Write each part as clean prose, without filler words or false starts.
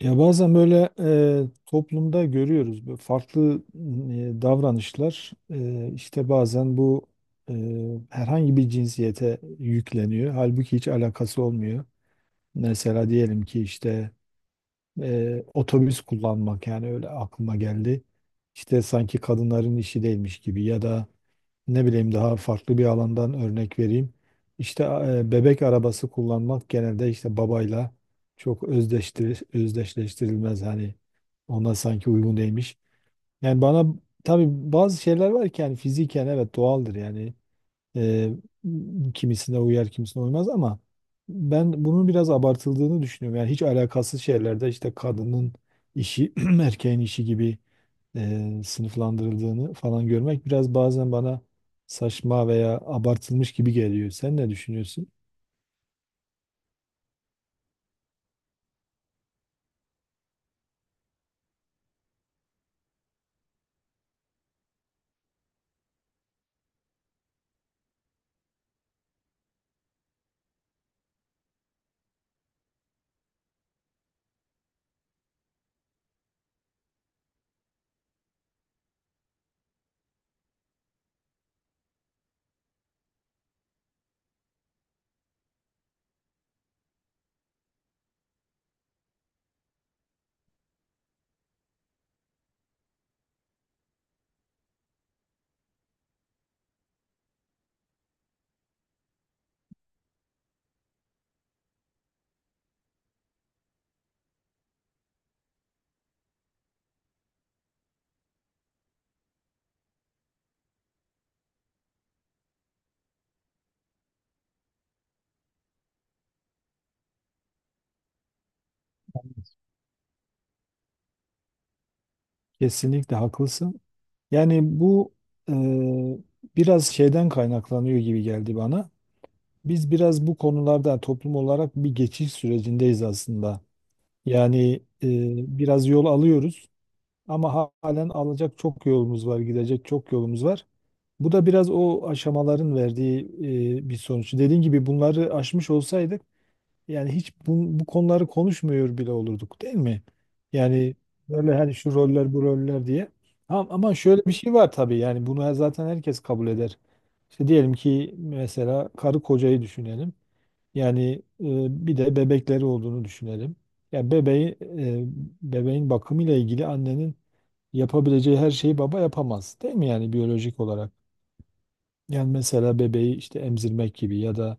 Ya bazen böyle toplumda görüyoruz böyle farklı davranışlar işte bazen bu e, herhangi bir cinsiyete yükleniyor. Halbuki hiç alakası olmuyor. Mesela diyelim ki işte otobüs kullanmak, yani öyle aklıma geldi. İşte sanki kadınların işi değilmiş gibi, ya da ne bileyim daha farklı bir alandan örnek vereyim. İşte bebek arabası kullanmak genelde işte babayla çok özdeştir, özdeşleştirilmez hani, ona sanki uygun değilmiş. Yani bana tabii bazı şeyler var ki, yani fiziken evet doğaldır yani, ee, kimisine uyar kimisine uymaz ama ben bunun biraz abartıldığını düşünüyorum. Yani hiç alakasız şeylerde işte kadının işi erkeğin işi gibi sınıflandırıldığını falan görmek biraz bazen bana saçma veya abartılmış gibi geliyor. Sen ne düşünüyorsun? Kesinlikle haklısın. Yani bu e, biraz şeyden kaynaklanıyor gibi geldi bana. Biz biraz bu konularda toplum olarak bir geçiş sürecindeyiz aslında. Yani e, biraz yol alıyoruz ama halen alacak çok yolumuz var, gidecek çok yolumuz var. Bu da biraz o aşamaların verdiği bir sonuç. Dediğin gibi bunları aşmış olsaydık yani hiç bu konuları konuşmuyor bile olurduk, değil mi? Yani böyle hani şu roller bu roller diye. Ama şöyle bir şey var tabii, yani bunu zaten herkes kabul eder. İşte diyelim ki mesela karı kocayı düşünelim. Yani bir de bebekleri olduğunu düşünelim. Ya bebeğin bakımıyla ilgili annenin yapabileceği her şeyi baba yapamaz, değil mi, yani biyolojik olarak? Yani mesela bebeği işte emzirmek gibi ya da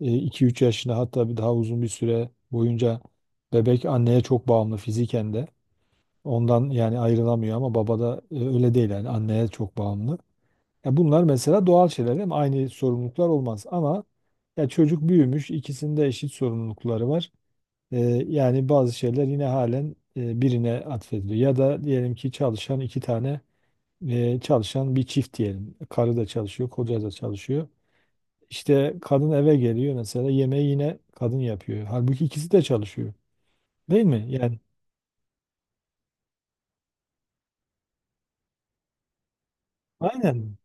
2-3 yaşına, hatta bir daha uzun bir süre boyunca bebek anneye çok bağımlı, fiziken de. Ondan yani ayrılamıyor ama babada öyle değil, yani anneye çok bağımlı. Ya bunlar mesela doğal şeyler, değil mi? Aynı sorumluluklar olmaz ama, ya çocuk büyümüş, ikisinde eşit sorumlulukları var. Ee, Yani bazı şeyler yine halen birine atfediliyor. Ya da diyelim ki çalışan iki tane e, çalışan bir çift diyelim. Karı da çalışıyor, koca da çalışıyor. İşte kadın eve geliyor mesela, yemeği yine kadın yapıyor. Halbuki ikisi de çalışıyor. Değil mi? Yani aynen.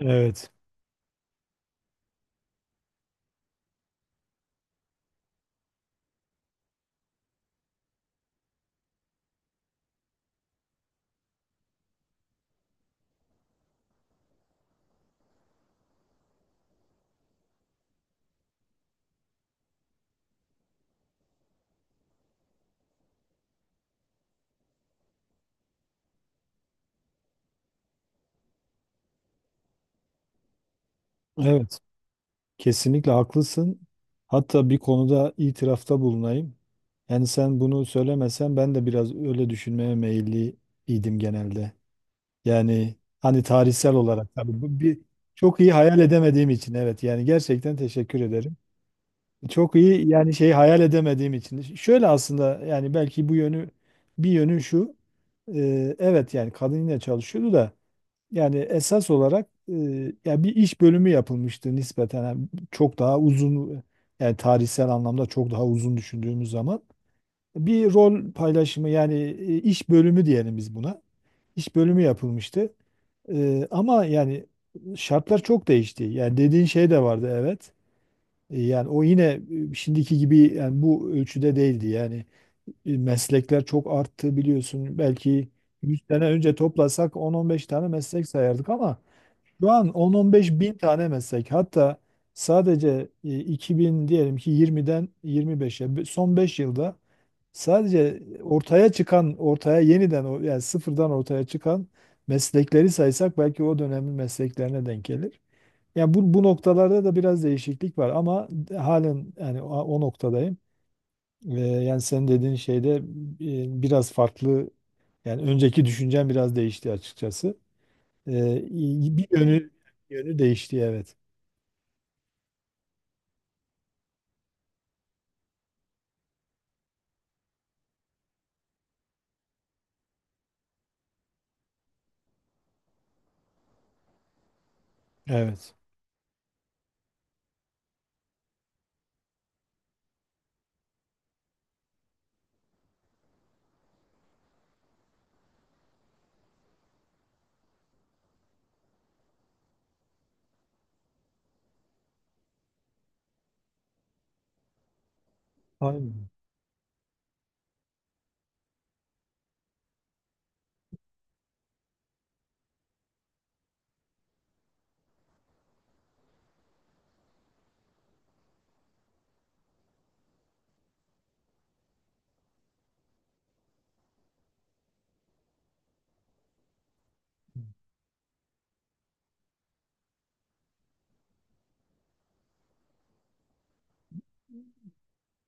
Evet. Evet. Kesinlikle haklısın. Hatta bir konuda itirafta bulunayım. Yani sen bunu söylemesen ben de biraz öyle düşünmeye meyilli idim genelde. Yani hani tarihsel olarak tabii bu bir çok iyi hayal edemediğim için, evet, yani gerçekten teşekkür ederim. Çok iyi yani şey hayal edemediğim için. Şöyle aslında, yani belki bu yönü, bir yönü şu. Evet, yani kadın yine çalışıyordu da, yani esas olarak ya bir iş bölümü yapılmıştı nispeten. Yani çok daha uzun, yani tarihsel anlamda çok daha uzun düşündüğümüz zaman bir rol paylaşımı, yani iş bölümü diyelim biz buna. İş bölümü yapılmıştı. Ama yani şartlar çok değişti. Yani dediğin şey de vardı, evet. Yani o yine şimdiki gibi yani bu ölçüde değildi. Yani meslekler çok arttı biliyorsun. Belki 100 sene önce toplasak 10-15 tane meslek sayardık ama şu an 10-15 bin tane meslek. Hatta sadece 2000, diyelim ki 20'den 25'e, son 5 yılda sadece ortaya çıkan, ortaya yeniden yani sıfırdan ortaya çıkan meslekleri saysak belki o dönemin mesleklerine denk gelir. Yani bu noktalarda da biraz değişiklik var ama halen yani o noktadayım. Yani senin dediğin şeyde biraz farklı, yani önceki düşüncem biraz değişti açıkçası. Bir yönü değişti, evet. Evet. Aynen.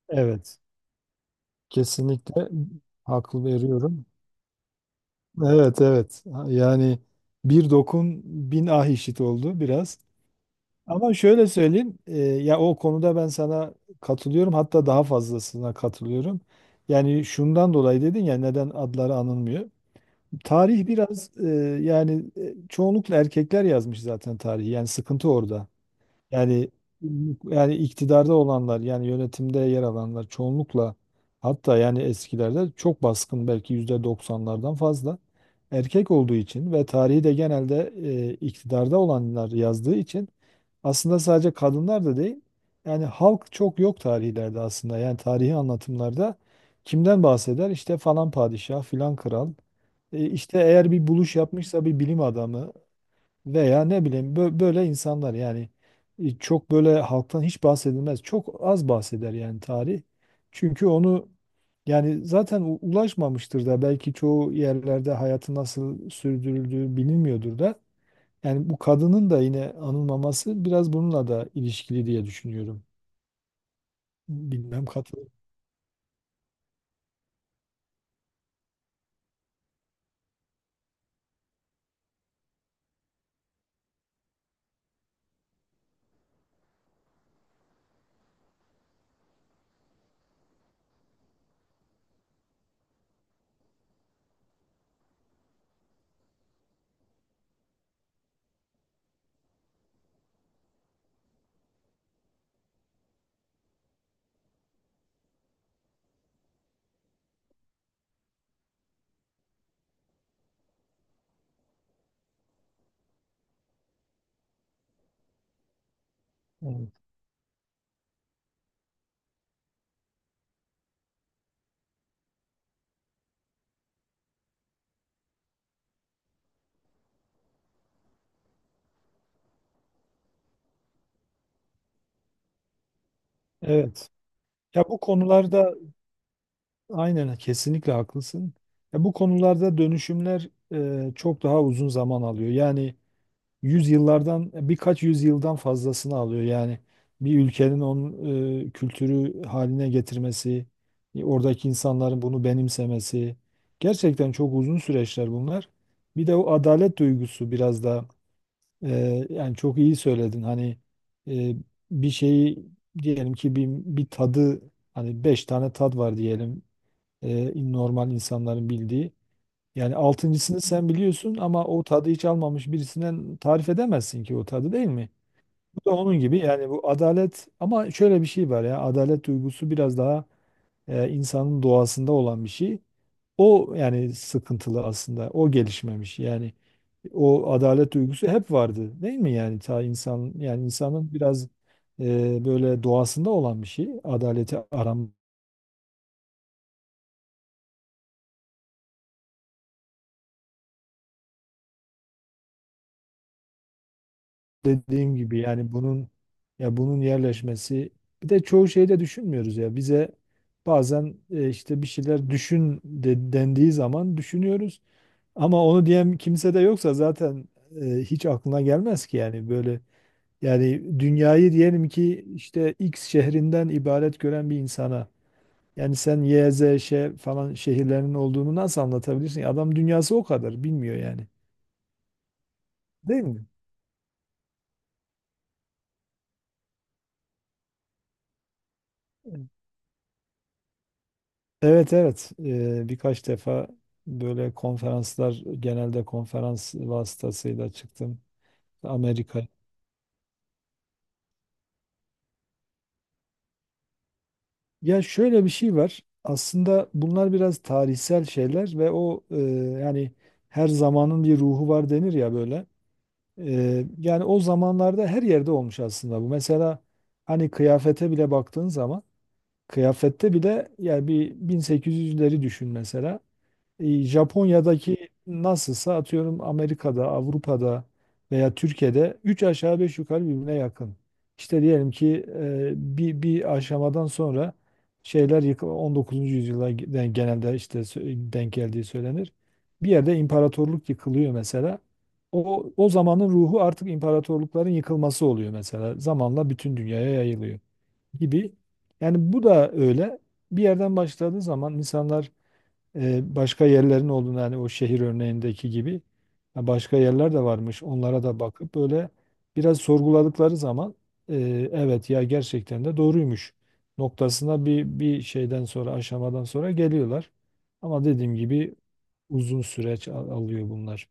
Evet. Kesinlikle haklı veriyorum. Evet, evet. Yani bir dokun, bin ah işit oldu biraz. Ama şöyle söyleyeyim, ya o konuda ben sana katılıyorum. Hatta daha fazlasına katılıyorum. Yani şundan dolayı dedin ya, neden adları anılmıyor. Tarih biraz yani, çoğunlukla erkekler yazmış zaten tarihi. Yani sıkıntı orada. Yani yani iktidarda olanlar, yani yönetimde yer alanlar çoğunlukla, hatta yani eskilerde çok baskın, belki %90'lardan fazla erkek olduğu için ve tarihi de genelde iktidarda olanlar yazdığı için, aslında sadece kadınlar da değil, yani halk çok yok tarihlerde, aslında yani tarihi anlatımlarda kimden bahseder işte, falan padişah, filan kral. İşte eğer bir buluş yapmışsa bir bilim adamı veya ne bileyim böyle insanlar, yani çok böyle halktan hiç bahsedilmez. Çok az bahseder yani tarih. Çünkü onu yani zaten ulaşmamıştır da belki, çoğu yerlerde hayatı nasıl sürdürüldüğü bilinmiyordur da. Yani bu kadının da yine anılmaması biraz bununla da ilişkili diye düşünüyorum. Bilmem katılır mısın? Evet. Ya bu konularda, aynen, kesinlikle haklısın. Ya bu konularda dönüşümler çok daha uzun zaman alıyor. Yani yüzyıllardan, birkaç yüzyıldan fazlasını alıyor. Yani bir ülkenin onun kültürü haline getirmesi, oradaki insanların bunu benimsemesi, gerçekten çok uzun süreçler bunlar. Bir de o adalet duygusu biraz da, yani çok iyi söyledin. Hani e, bir şeyi diyelim ki, bir tadı, hani beş tane tad var diyelim normal insanların bildiği. Yani altıncısını sen biliyorsun ama o tadı hiç almamış birisinden tarif edemezsin ki o tadı, değil mi? Bu da onun gibi, yani bu adalet, ama şöyle bir şey var ya, adalet duygusu biraz daha insanın doğasında olan bir şey. O yani sıkıntılı aslında, o gelişmemiş, yani o adalet duygusu hep vardı değil mi, yani ta insan, yani insanın biraz böyle doğasında olan bir şey, adaleti aram dediğim gibi. Yani bunun, ya bunun yerleşmesi, bir de çoğu şeyi de düşünmüyoruz ya, bize bazen işte bir şeyler düşün de, dendiği zaman düşünüyoruz ama onu diyen kimse de yoksa zaten hiç aklına gelmez ki. Yani böyle, yani dünyayı diyelim ki işte X şehrinden ibaret gören bir insana, yani sen Y, Z, Ş falan şehirlerinin olduğunu nasıl anlatabilirsin? Adam dünyası o kadar bilmiyor yani. Değil mi? Evet, evet. Birkaç defa böyle konferanslar, genelde konferans vasıtasıyla çıktım. Amerika. Ya şöyle bir şey var, aslında bunlar biraz tarihsel şeyler ve o, yani her zamanın bir ruhu var denir ya böyle. Yani o zamanlarda her yerde olmuş aslında bu. Mesela hani kıyafete bile baktığın zaman, kıyafette bile, yani bir 1800'leri düşün mesela. Japonya'daki nasılsa, atıyorum Amerika'da, Avrupa'da veya Türkiye'de 3 aşağı 5 yukarı birbirine yakın. İşte diyelim ki bir aşamadan sonra şeyler XIX. yüzyıla genelde işte denk geldiği söylenir. Bir yerde imparatorluk yıkılıyor mesela. O zamanın ruhu artık imparatorlukların yıkılması oluyor mesela. Zamanla bütün dünyaya yayılıyor gibi. Yani bu da öyle. Bir yerden başladığı zaman insanlar başka yerlerin olduğunu, hani o şehir örneğindeki gibi, ha, başka yerler de varmış. Onlara da bakıp böyle biraz sorguladıkları zaman, e, evet ya, gerçekten de doğruymuş noktasına, bir şeyden sonra, aşamadan sonra geliyorlar. Ama dediğim gibi uzun süreç alıyor bunlar.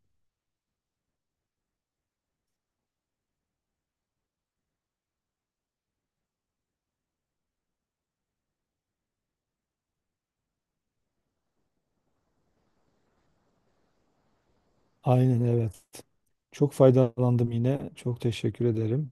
Aynen, evet. Çok faydalandım yine. Çok teşekkür ederim.